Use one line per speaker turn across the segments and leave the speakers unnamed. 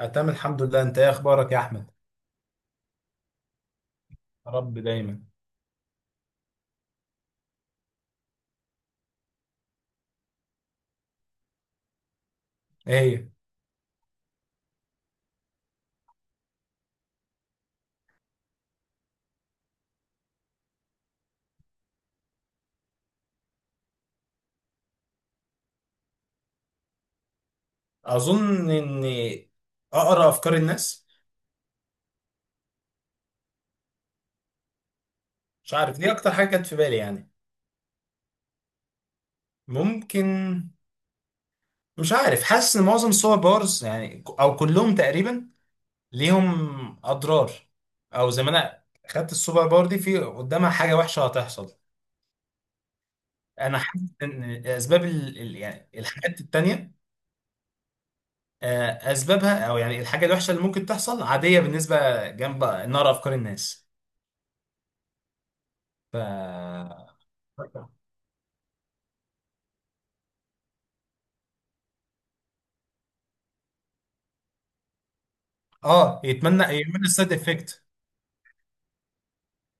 أنا تمام الحمد لله، انت ايه اخبارك يا احمد؟ يا رب دايما. ايه؟ اظن اني اقرا افكار الناس. مش عارف، دي اكتر حاجه كانت في بالي يعني. ممكن. مش عارف، حاسس ان معظم الصور بارز يعني، او كلهم تقريبا ليهم اضرار، او زي ما انا خدت السوبر باور دي، في قدامها حاجه وحشه هتحصل. انا حاسس ان اسباب يعني الحاجات التانيه. آه، اسبابها او يعني الحاجه الوحشه اللي ممكن تحصل عاديه بالنسبه جنب نار افكار الناس. اه، يتمنى يعمل السايد افكت.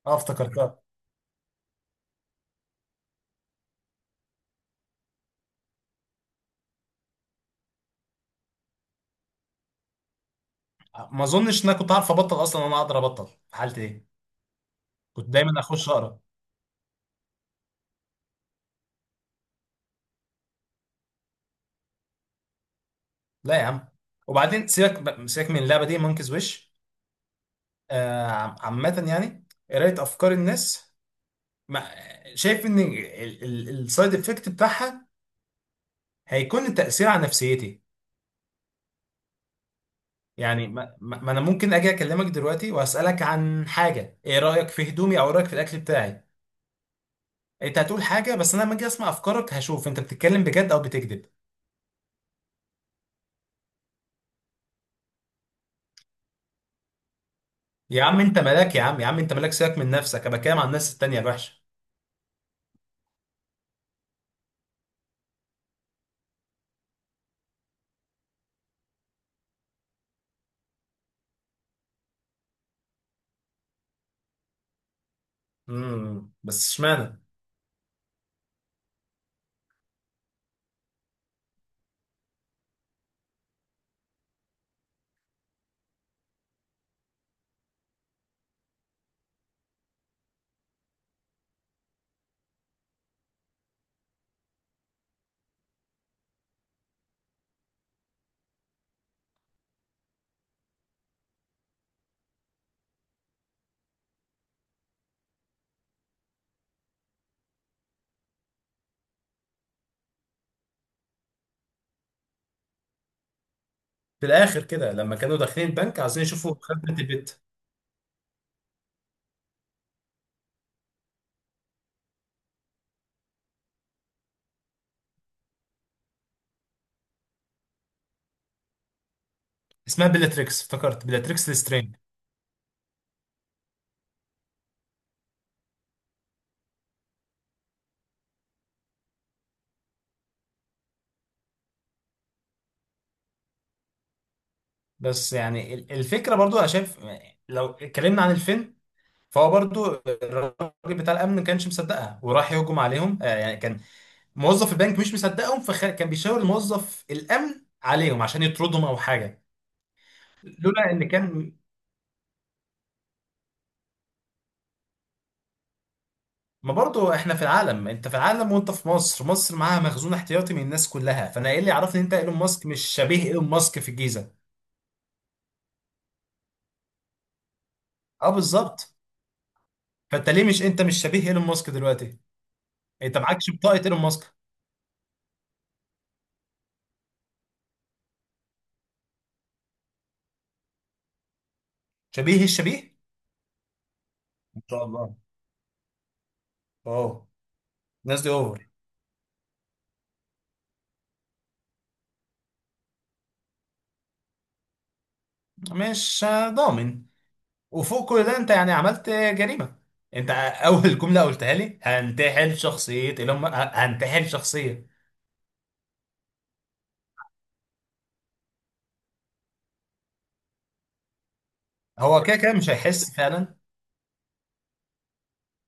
اه، افتكرتها. ما اظنش ان انا كنت عارف ابطل اصلا، انا اقدر ابطل في حالتي دي؟ كنت دايما اخش اقرا. لا يا عم، وبعدين سيبك من اللعبه دي مونكيز ويش. آه، عامه يعني قرايه افكار الناس، ما شايف ان السايد افكت بتاعها هيكون التاثير على نفسيتي. يعني، ما انا ممكن اجي اكلمك دلوقتي واسالك عن حاجه، ايه رايك في هدومي او رايك في الاكل بتاعي. انت هتقول حاجه، بس انا لما اجي اسمع افكارك هشوف انت بتتكلم بجد او بتكذب. يا عم انت ملاك، يا عم، يا عم انت ملاك، سيبك من نفسك، انا بتكلم عن الناس التانيه الوحشه. بس اشمعنى. في الاخر كده لما كانوا داخلين البنك عايزين يشوفوا خزنه البت. اسمها بيلاتريكس، افتكرت بيلاتريكس ليسترينج. بس يعني الفكره، برضو انا شايف، لو اتكلمنا عن الفيلم، فهو برضو الراجل بتاع الامن ما كانش مصدقها وراح يهجم عليهم، يعني كان موظف البنك مش مصدقهم، فكان بيشاور الموظف الامن عليهم عشان يطردهم او حاجه، لولا ان كان. ما برضه احنا في العالم، انت في العالم وانت في مصر، مصر معاها مخزون احتياطي من الناس كلها، فانا ايه اللي يعرفني ان انت ايلون ماسك مش شبيه ايلون ماسك في الجيزه؟ اه، بالظبط. فانت ليه مش انت مش شبيه ايلون ماسك دلوقتي، انت معكش بطاقه ايلون ماسك. شبيه الشبيه. ان شاء الله. اه، الناس دي اوفر. مش ضامن. وفوق كل ده انت يعني عملت جريمه، انت اول جمله قلتها لي هنتحل شخصيه ايلون ما- هنتحل شخصيه. هو كده كده مش هيحس فعلا.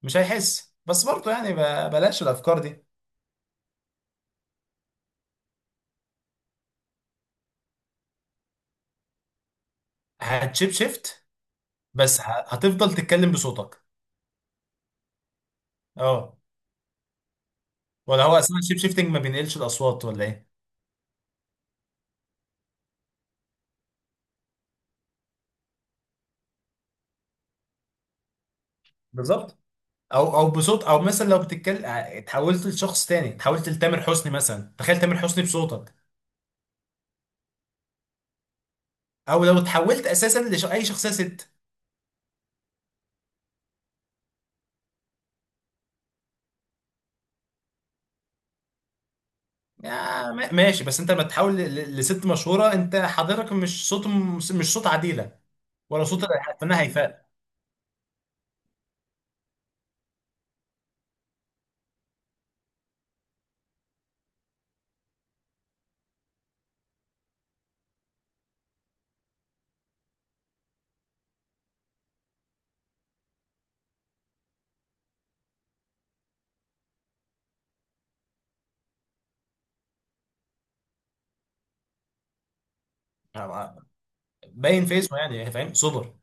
مش هيحس، بس برضه يعني بلاش الافكار دي. هتشيب شيفت، بس هتفضل تتكلم بصوتك. اه. ولا هو اصلا الشيب شيفتنج ما بينقلش الاصوات ولا ايه؟ بالظبط. او بصوت، او مثلا لو بتتكلم اتحولت لشخص تاني، اتحولت لتامر حسني مثلا، تخيل تامر حسني بصوتك. او لو اتحولت اساسا لاي شخصيه ست. يا ما- ماشي، بس انت لما تتحول لست مشهوره، انت حضرتك مش صوت، مش صوت عديله، ولا صوت الفنان هيفاء. آه، باين في اسمه يعني، فاهم، صدر.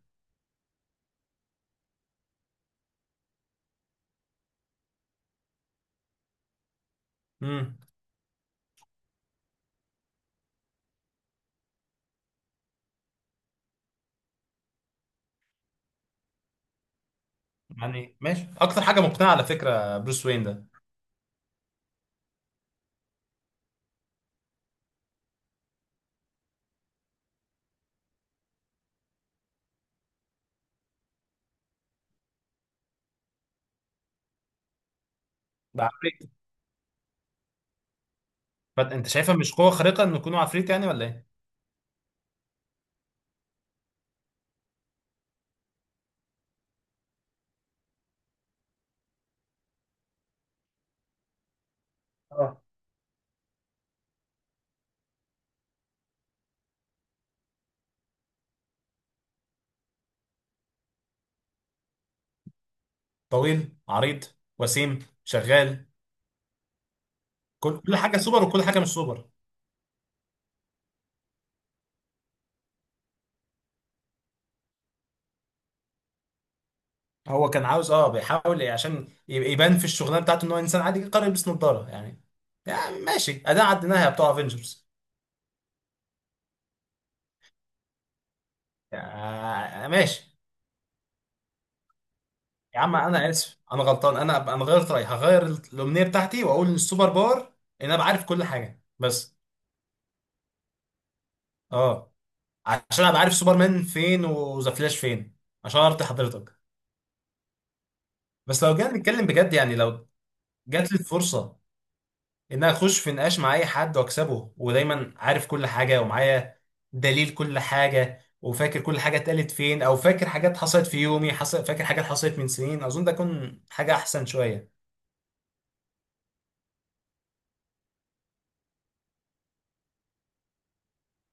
يعني ماشي، اكتر حاجه مقنعه على فكره بروس وين ده. ده عفريت. انت شايفها مش قوه خارقه انه يكون عفريت يعني، ولا ايه؟ اه، طويل عريض، وسيم شغال، كل حاجه سوبر وكل حاجه مش سوبر. هو كان عاوز، بيحاول إيه عشان يبان في الشغلانه بتاعته ان هو انسان عادي، قرر يلبس نظاره يعني. يعني ماشي، اداء عدناها يا بتوع افنجرز. يعني ماشي. يا عم انا اسف، انا غلطان، انا غيرت رايي، هغير الامنيه بتاعتي، واقول ان السوبر باور ان انا بعرف كل حاجه بس. اه، عشان ابقى عارف سوبرمان فين وذا فلاش فين، عشان ارضي حضرتك. بس لو جينا نتكلم بجد، يعني لو جات لي الفرصه ان أنا اخش في نقاش مع اي حد واكسبه، ودايما عارف كل حاجه، ومعايا دليل كل حاجه، وفاكر كل حاجه اتقالت فين، او فاكر حاجات حصلت في يومي حصل، فاكر حاجات حصلت من سنين، اظن ده يكون حاجه احسن شويه.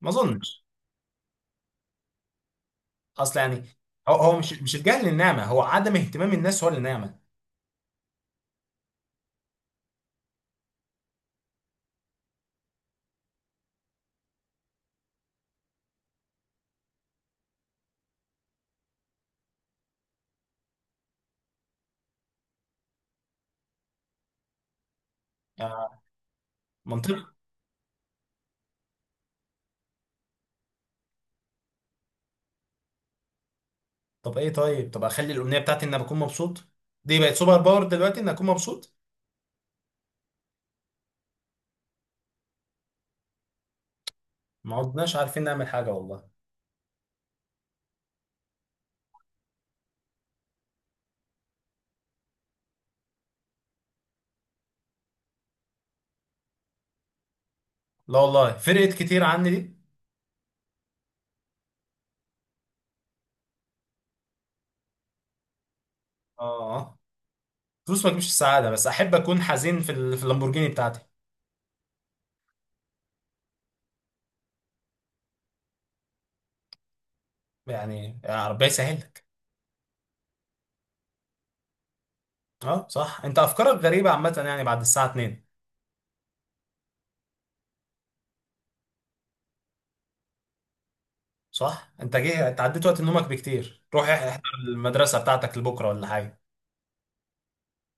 ما اظنش، اصل يعني هو مش الجهل النعمه، هو عدم اهتمام الناس هو اللي نعمه. آه، منطقي. طب ايه طيب طب اخلي الامنيه بتاعتي ان انا بكون مبسوط، دي بقت سوبر باور دلوقتي ان اكون مبسوط. ما عدناش عارفين نعمل حاجه والله. لا والله، فرقت كتير عني دي. اه، فلوس ما تجيبش السعاده، بس احب اكون حزين في اللامبورجيني بتاعتي. يعني يا رب يسهلك. اه صح، انت افكارك غريبه عامه يعني، بعد الساعه 2؟ صح انت جه، انت عديت وقت نومك بكتير، روح احضر المدرسه بتاعتك لبكره ولا حاجه؟